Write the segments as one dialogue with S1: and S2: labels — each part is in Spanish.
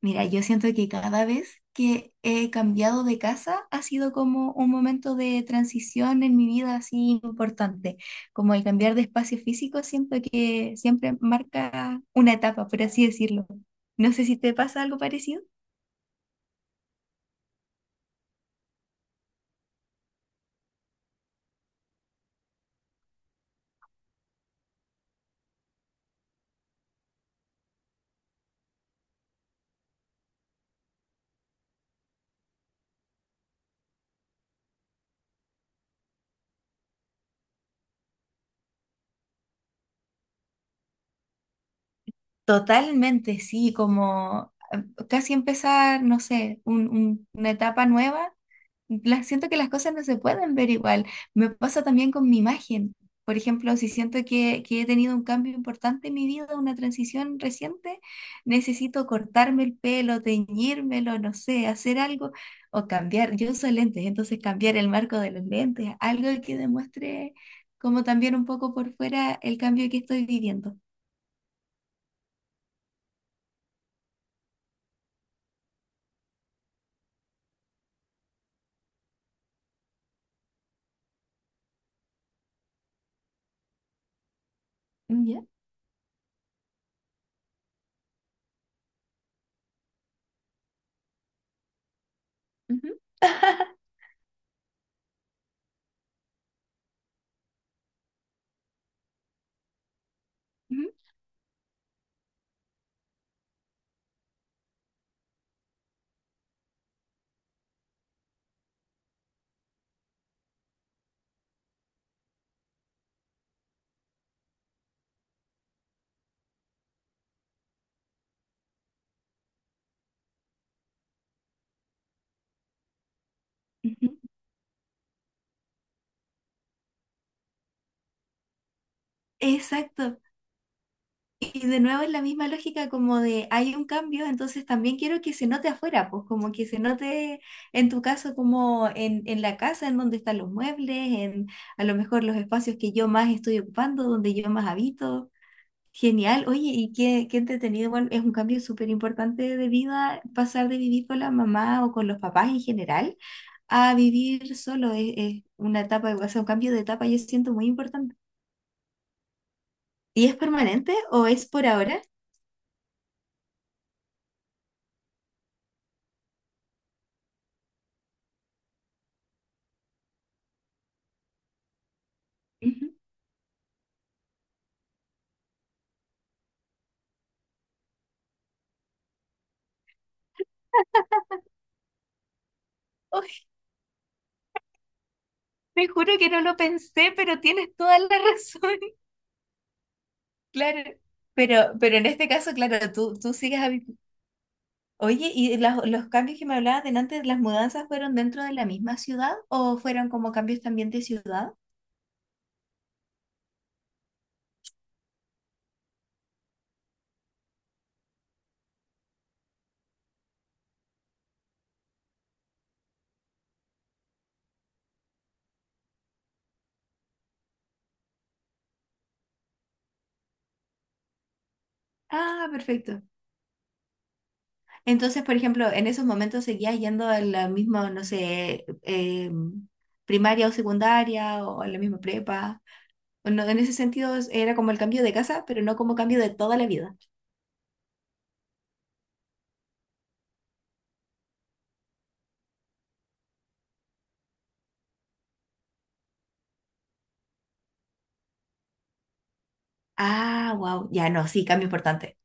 S1: Mira, yo siento que cada vez que he cambiado de casa ha sido como un momento de transición en mi vida así importante. Como el cambiar de espacio físico, siento que siempre marca una etapa, por así decirlo. No sé si te pasa algo parecido. Totalmente, sí, como casi empezar, no sé, una etapa nueva las, siento que las cosas no se pueden ver igual. Me pasa también con mi imagen. Por ejemplo, si siento que he tenido un cambio importante en mi vida, una transición reciente, necesito cortarme el pelo, teñírmelo, no sé, hacer algo o cambiar. Yo uso lentes, entonces cambiar el marco de los lentes, algo que demuestre como también un poco por fuera el cambio que estoy viviendo. ¿Ya? Ujú, ujú, ujú. Exacto. Y de nuevo es la misma lógica como de hay un cambio, entonces también quiero que se note afuera, pues como que se note en tu caso como en la casa, en donde están los muebles, en a lo mejor los espacios que yo más estoy ocupando, donde yo más habito. Genial, oye, qué entretenido, igual es un cambio súper importante de vida, pasar de vivir con la mamá o con los papás en general a vivir solo, es una etapa, o sea, un cambio de etapa yo siento muy importante. ¿Y es permanente o es por ahora? Ujú. Te juro que no lo pensé, pero tienes toda la razón. Claro. Pero en este caso, claro, tú sigues habi- Oye, ¿y las- los cambios que me hablabas de antes, las mudanzas fueron dentro de la misma ciudad o fueron como cambios también de ciudad? Ah, perfecto. Entonces, por ejemplo, en esos momentos seguías yendo a la misma, no sé, primaria o secundaria o a la misma prepa. O no, en ese sentido es- era como el cambio de casa, pero no como cambio de toda la vida. Ah, wow. Ya no, sí, cambio importante.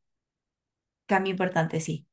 S1: Cambio importante, sí.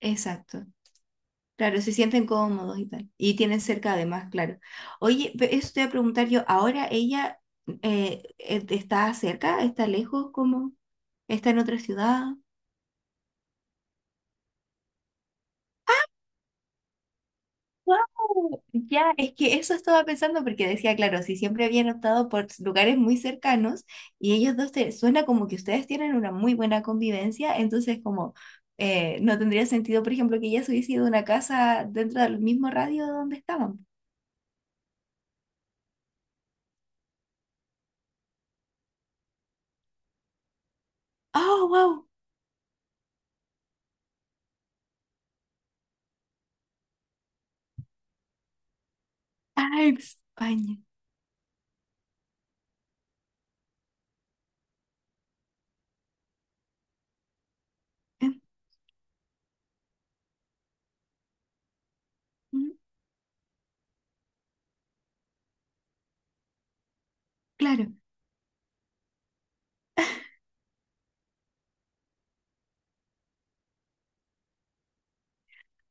S1: Exacto. Claro, se sienten cómodos y tal. Y tienen cerca además, claro. Oye, pe- eso te voy a preguntar yo, ¿ahora ella está cerca? ¿Está lejos? ¿Cómo? ¿Está en otra ciudad? Wow, ya, es que eso estaba pensando porque decía, claro, si siempre habían optado por lugares muy cercanos y ellos dos, te, suena como que ustedes tienen una muy buena convivencia, entonces como no tendría sentido, por ejemplo, que ella se hubiese ido a una casa dentro del mismo radio donde estaban. Oh, wow. Ah, España. En- mm, claro.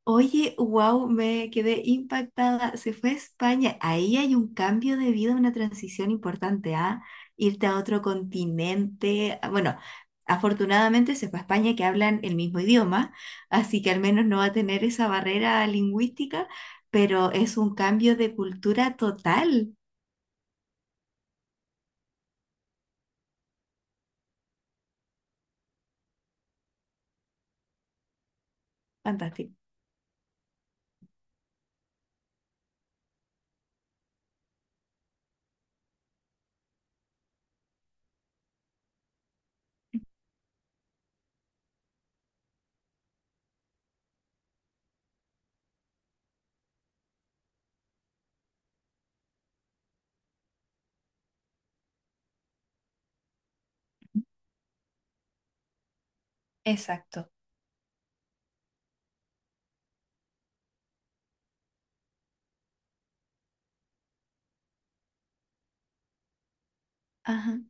S1: Oye, wow, me quedé impactada. Se fue a España. Ahí hay un cambio de vida, una transición importante, ¿ah? Irte a otro continente. Ah, bueno, afortunadamente se fue a España que hablan el mismo idioma, así que al menos no va a tener esa barrera lingüística, pero es un cambio de cultura total. Fantástico. Exacto. Ajá.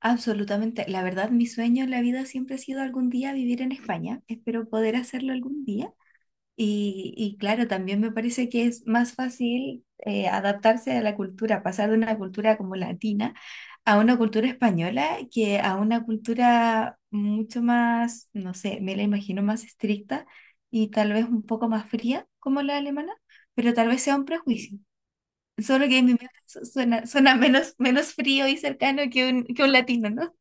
S1: Absolutamente. La verdad, mi sueño en la vida siempre ha sido algún día vivir en España. Espero poder hacerlo algún día. Y claro, también me parece que es más fácil adaptarse a la cultura, pasar de una cultura como latina a una cultura española que a una cultura mucho más, no sé, me la imagino más estricta y tal vez un poco más fría como la alemana, pero tal vez sea un prejuicio. Solo que en mi mente suena, suena menos, menos frío y cercano que que un latino, ¿no?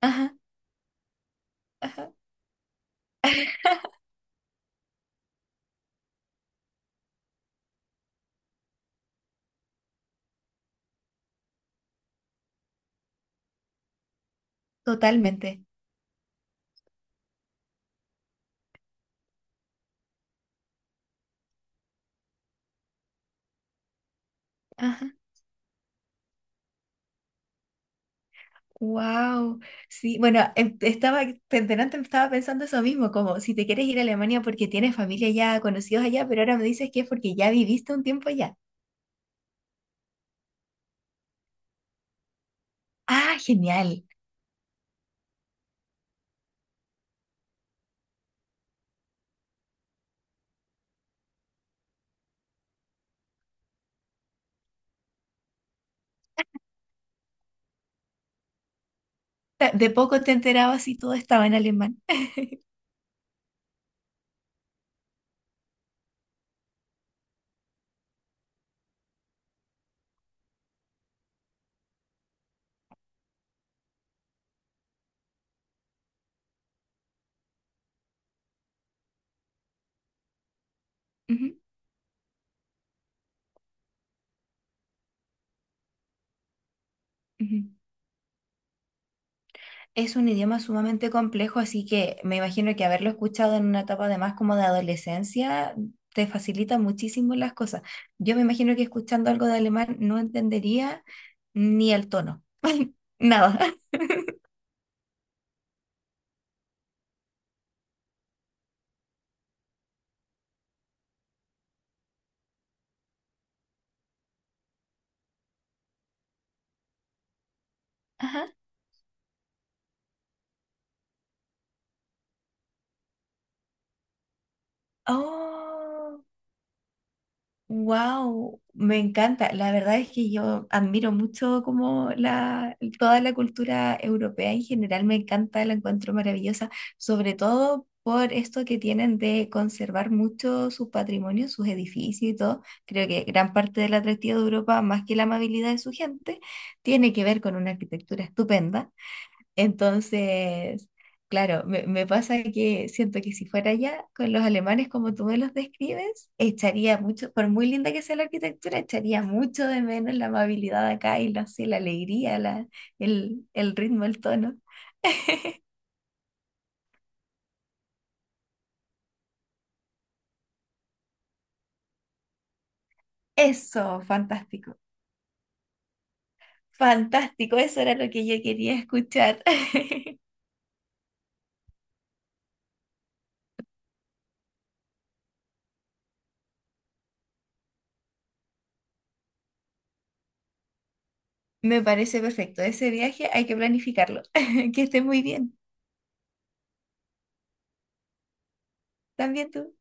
S1: Ajá. Ajá. Totalmente. Ajá. Wow. Sí, bueno, em- estaba, delante me estaba pensando eso mismo, como si te quieres ir a Alemania porque tienes familia allá conocidos allá, pero ahora me dices que es porque ya viviste un tiempo allá. Ah, genial. Ta- De poco te enterabas y todo estaba en alemán. Ujú, ujú. Es un idioma sumamente complejo, así que me imagino que haberlo escuchado en una etapa además como de adolescencia te facilita muchísimo las cosas. Yo me imagino que escuchando algo de alemán no entendería ni el tono, nada. Ajá. Oh, wow, me encanta. La verdad es que yo admiro mucho como la, toda la cultura europea en general, me encanta, la encuentro maravillosa, sobre todo por esto que tienen de conservar mucho sus patrimonios, sus edificios y todo. Creo que gran parte del atractivo de Europa, más que la amabilidad de su gente, tiene que ver con una arquitectura estupenda. Entonces, claro, me pasa que siento que si fuera allá con los alemanes como tú me los describes, echaría mucho, por muy linda que sea la arquitectura, echaría mucho de menos la amabilidad acá y la, sí, la alegría, la, el ritmo, el tono. Eso, fantástico. Fantástico, eso era lo que yo quería escuchar. Me parece perfecto. Ese viaje hay que planificarlo. Que esté muy bien. También tú.